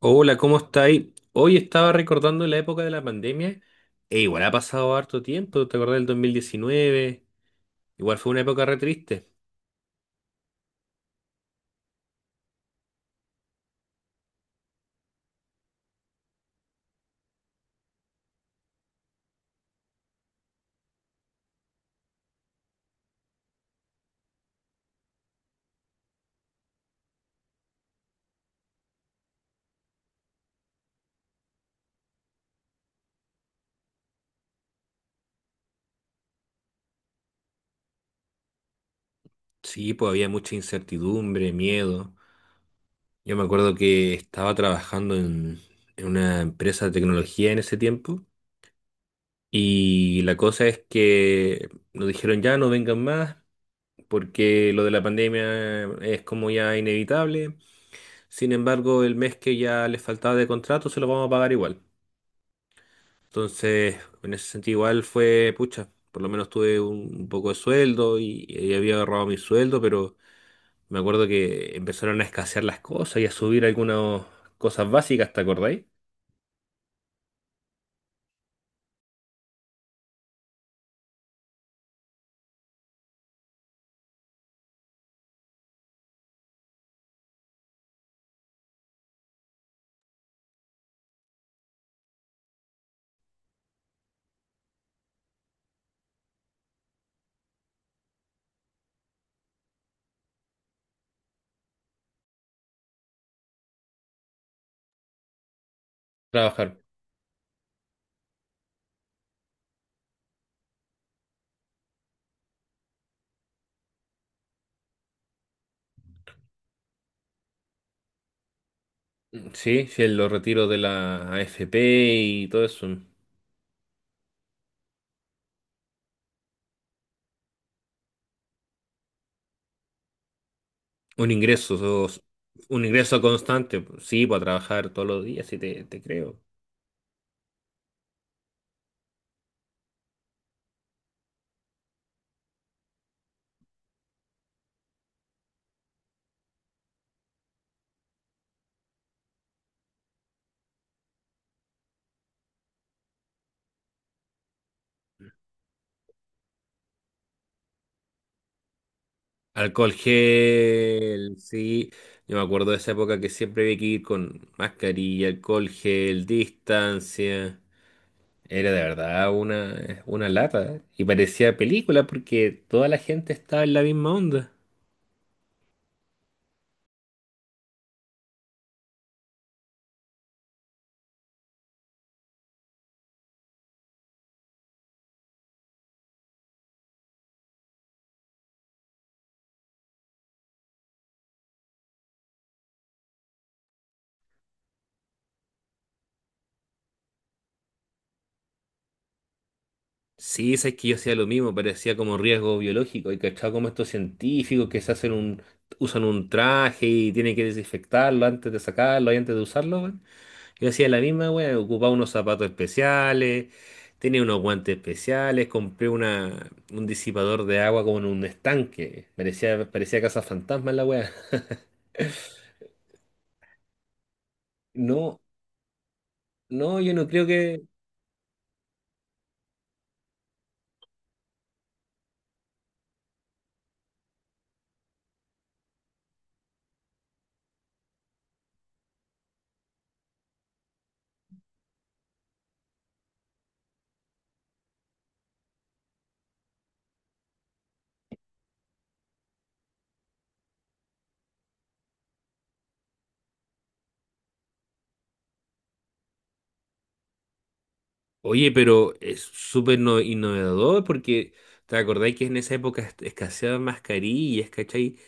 Hola, ¿cómo estáis? Hoy estaba recordando la época de la pandemia e igual ha pasado harto tiempo, ¿te acordás del 2019? Igual fue una época re triste. Sí, pues había mucha incertidumbre, miedo. Yo me acuerdo que estaba trabajando en una empresa de tecnología en ese tiempo, y la cosa es que nos dijeron ya no vengan más porque lo de la pandemia es como ya inevitable. Sin embargo, el mes que ya les faltaba de contrato se lo vamos a pagar igual. Entonces, en ese sentido igual fue, pucha, por lo menos tuve un poco de sueldo y había agarrado mi sueldo, pero me acuerdo que empezaron a escasear las cosas y a subir algunas cosas básicas, ¿te acordáis? Trabajar. Mm, sí, sí, los retiros de la AFP y todo eso. Un ingreso, sos- un ingreso constante. Sí, para trabajar todos los días, sí te creo. Alcohol gel, sí. Yo me acuerdo de esa época que siempre había que ir con mascarilla, alcohol gel, distancia. Era de verdad una lata. Y parecía película porque toda la gente estaba en la misma onda. Sí, sabes que yo hacía lo mismo, parecía como riesgo biológico. Y cachado como estos científicos que se hacen un, usan un traje y tienen que desinfectarlo antes de sacarlo y antes de usarlo, güey. Yo hacía la misma wea, ocupaba unos zapatos especiales, tenía unos guantes especiales, compré una, un disipador de agua como en un estanque. Parecía, parecía casa fantasma la wea. No, no, yo no creo que. Oye, pero es súper no- innovador porque te acordáis que en esa época est- escaseaban mascarillas, ¿cachai?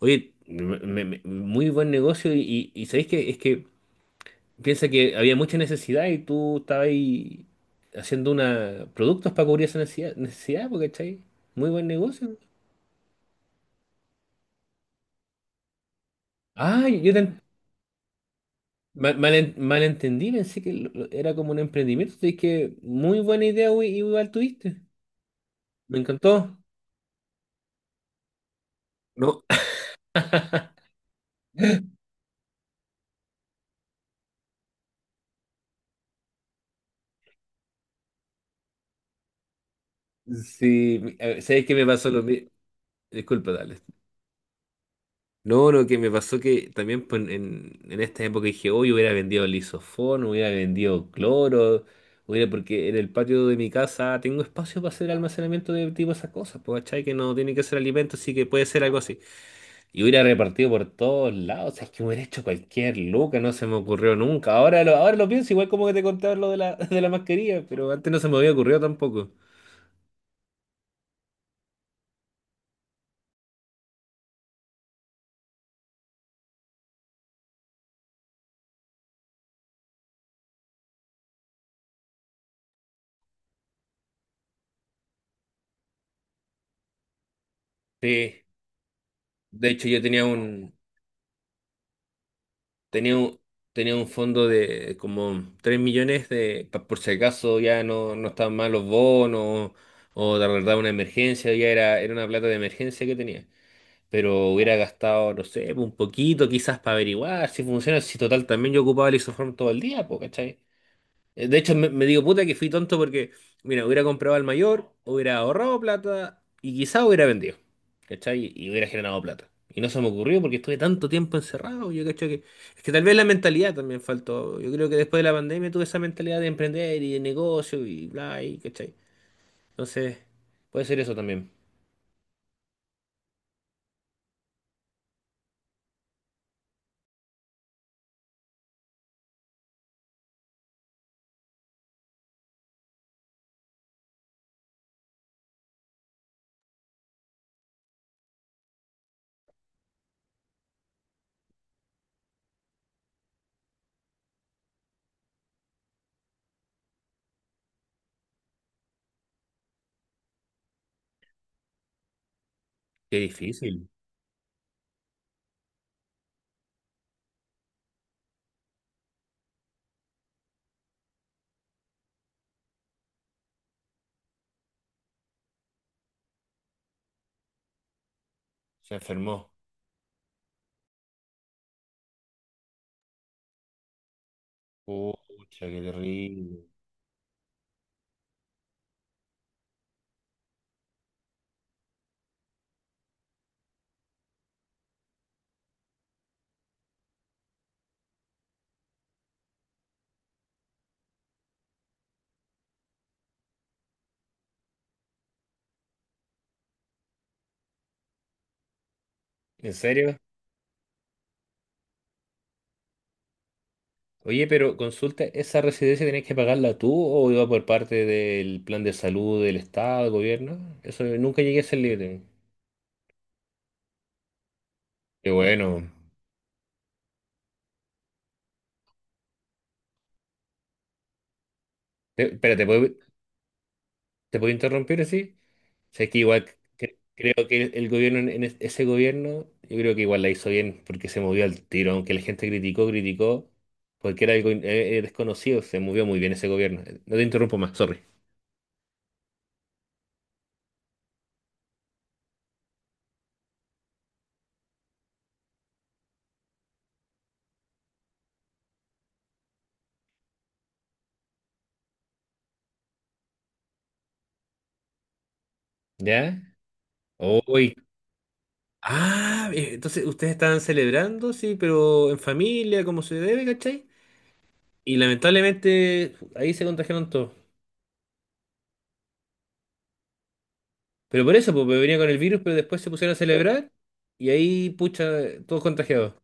Oye, me- me- me- muy buen negocio y ¿sabéis que es que piensa que había mucha necesidad y tú estabas ahí haciendo una, productos para cubrir esa necesidad, necesidad, porque ¿cachai? Muy buen negocio. Ah, yo te, mal, mal, en- malentendí, pensé que lo- era como un emprendimiento. Así que muy buena idea, güey, igual tuviste. Me encantó. No. Sí, mi- a ver, sabes que me pasó lo mismo. Disculpa, dale. No, lo que me pasó que también pues, en esta época dije, hoy hubiera vendido lisofón, hubiera vendido cloro, hubiera, porque en el patio de mi casa tengo espacio para hacer almacenamiento de tipo esas cosas, pues, ¿cachai? Que no tiene que ser alimento, así que puede ser algo así. Y hubiera repartido por todos lados, o sea, es que hubiera hecho cualquier loca, no se me ocurrió nunca. Ahora lo pienso, igual como que te contaba lo de la, de la mascarilla, pero antes no se me había ocurrido tampoco. Sí, de hecho yo tenía un, tenía un, tenía un fondo de como 3 millones de, pa- por si acaso ya no, no estaban mal los bonos o de verdad una emergencia, ya era, era una plata de emergencia que tenía. Pero hubiera gastado, no sé, un poquito quizás para averiguar si funciona, si total también yo ocupaba el isoform todo el día, pues, ¿cachai? De hecho, me digo, puta, que fui tonto porque, mira, hubiera comprado al mayor, hubiera ahorrado plata y quizá hubiera vendido, ¿cachai? Y hubiera generado plata. Y no se me ocurrió porque estuve tanto tiempo encerrado. Yo cacho que. Es que tal vez la mentalidad también faltó. Yo creo que después de la pandemia tuve esa mentalidad de emprender y de negocio y bla, y ¿cachai? Entonces, puede ser eso también. Qué difícil. Se enfermó. Pucha, qué terrible. ¿En serio? Oye, pero consulta, ¿esa residencia tenés que pagarla tú o iba por parte del plan de salud del Estado, del gobierno? Eso nunca llegué a ser libre. Qué bueno. Te- Espera, te puedo interrumpir así? Sé que igual cre- creo que el gobierno, en es- ese gobierno, yo creo que igual la hizo bien porque se movió al tiro, aunque la gente criticó, criticó, porque era algo in- desconocido, se movió muy bien ese gobierno. No te interrumpo más, sorry. ¿Ya? Uy, ah, entonces ustedes estaban celebrando, sí, pero en familia, como se debe, ¿cachai? Y lamentablemente ahí se contagiaron todos. Pero por eso, porque venía con el virus, pero después se pusieron a celebrar y ahí, pucha, todos contagiados.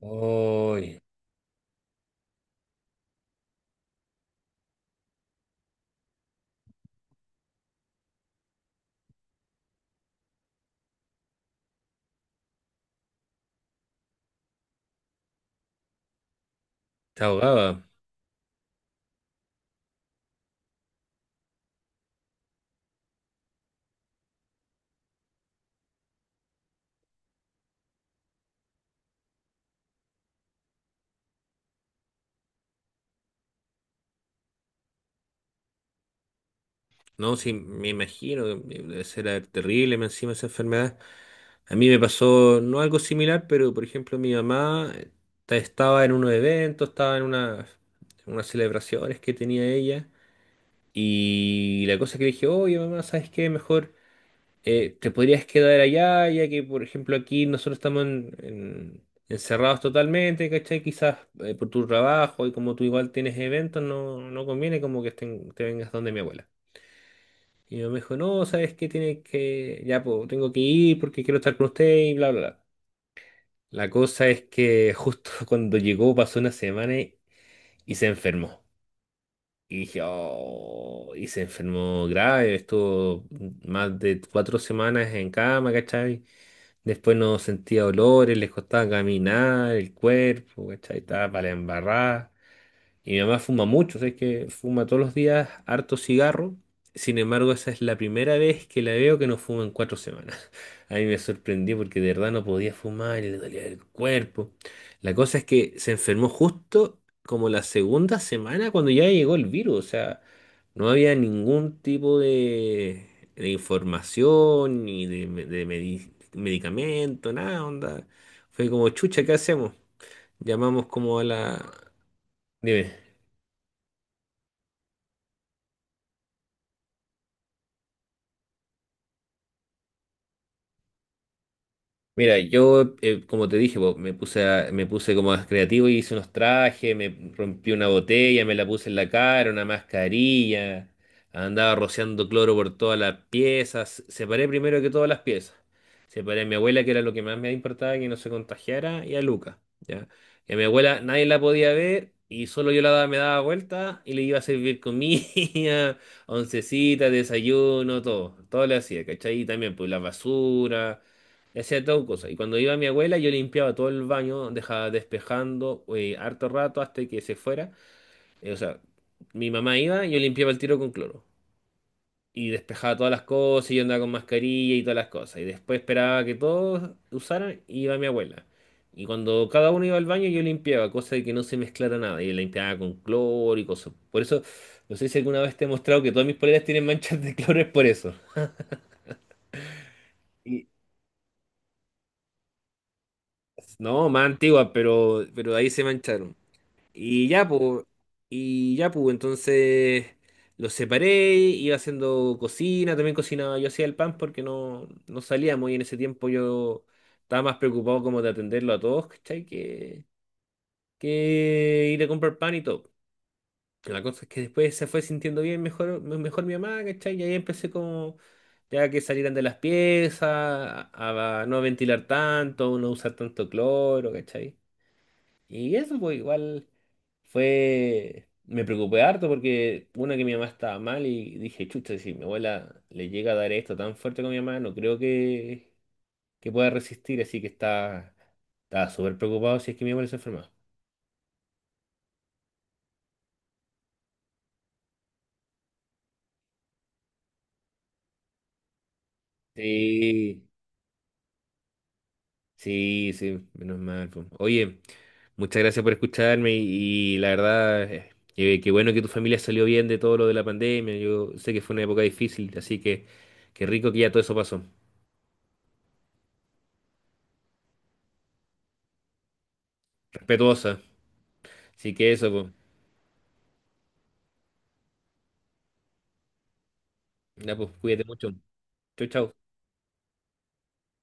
Uy, te ahogaba. No, sí, me imagino que debe ser terrible más encima esa enfermedad. A mí me pasó no algo similar, pero por ejemplo mi mamá ta- estaba en unos eventos, estaba en una- en unas celebraciones que tenía ella. Y la cosa que dije, oye mamá, ¿sabes qué? Mejor te podrías quedar allá, ya que por ejemplo aquí nosotros estamos en- encerrados totalmente, ¿cachai? Quizás por tu trabajo y como tú igual tienes eventos, no, no conviene como que estén- te vengas donde mi abuela. Y mi mamá me dijo, no, ¿sabes qué? Tienes que, ya, pues tengo que ir porque quiero estar con usted y bla, bla, bla. La cosa es que justo cuando llegó pasó una semana y se enfermó. Y dije, "Oh", y se enfermó grave, estuvo más de 4 semanas en cama, ¿cachai? Después no sentía olores, les costaba caminar, el cuerpo, ¿cachai? Estaba para la embarrada. Y mi mamá fuma mucho, o sea, es que fuma todos los días harto cigarro. Sin embargo, esa es la primera vez que la veo que no fuma en 4 semanas. A mí me sorprendió porque de verdad no podía fumar y le dolía el cuerpo. La cosa es que se enfermó justo como la segunda semana cuando ya llegó el virus. O sea, no había ningún tipo de información ni de, me- de medi- medicamento, nada, onda. Fue como, chucha, ¿qué hacemos? Llamamos como a la... Dime. Mira, yo, como te dije, po, me puse a- me puse como más creativo y hice unos trajes, me rompí una botella, me la puse en la cara, una mascarilla, andaba rociando cloro por todas las piezas, separé primero que todas las piezas. Separé a mi abuela, que era lo que más me importaba, que no se contagiara, y a Luca, ¿ya? Y a mi abuela nadie la podía ver y solo yo la daba- me daba vuelta y le iba a servir comida, oncecita, desayuno, todo, todo le hacía, ¿cachai? Y también, pues, la basura. Hacía todo cosa. Y cuando iba mi abuela, yo limpiaba todo el baño, dejaba despejando harto rato hasta que se fuera. O sea, mi mamá iba, yo limpiaba el tiro con cloro. Y despejaba todas las cosas, y yo andaba con mascarilla y todas las cosas. Y después esperaba que todos usaran, y iba mi abuela. Y cuando cada uno iba al baño, yo limpiaba, cosa de que no se mezclara nada. Y limpiaba con cloro y cosas. Por eso, no sé si alguna vez te he mostrado que todas mis poleras tienen manchas de cloro, es por eso. Y- no, más antiguas, pero ahí se mancharon. Y ya, pues, y ya, pues, entonces los separé, iba haciendo cocina, también cocinaba, yo hacía el pan porque no, no salíamos y en ese tiempo yo estaba más preocupado como de atenderlo a todos, ¿cachai? Que ir a comprar pan y todo. La cosa es que después se fue sintiendo bien mejor, me- mejor mi mamá, ¿cachai? Y ahí empecé como ya que salieran de las piezas, a no ventilar tanto, no usar tanto cloro, ¿cachai? Y eso, pues igual fue, me preocupé harto porque una que mi mamá estaba mal y dije, chucha, si mi abuela le llega a dar esto tan fuerte con mi mamá, no creo que pueda resistir, así que estaba, estaba súper preocupado si es que mi abuela se enferma. Sí, sí, sí, menos mal. Po. Oye, muchas gracias por escucharme y la verdad, qué bueno que tu familia salió bien de todo lo de la pandemia. Yo sé que fue una época difícil, así que qué rico que ya todo eso pasó. Respetuosa. Así que eso, pues. Ya, pues, cuídate mucho. Chau, chau.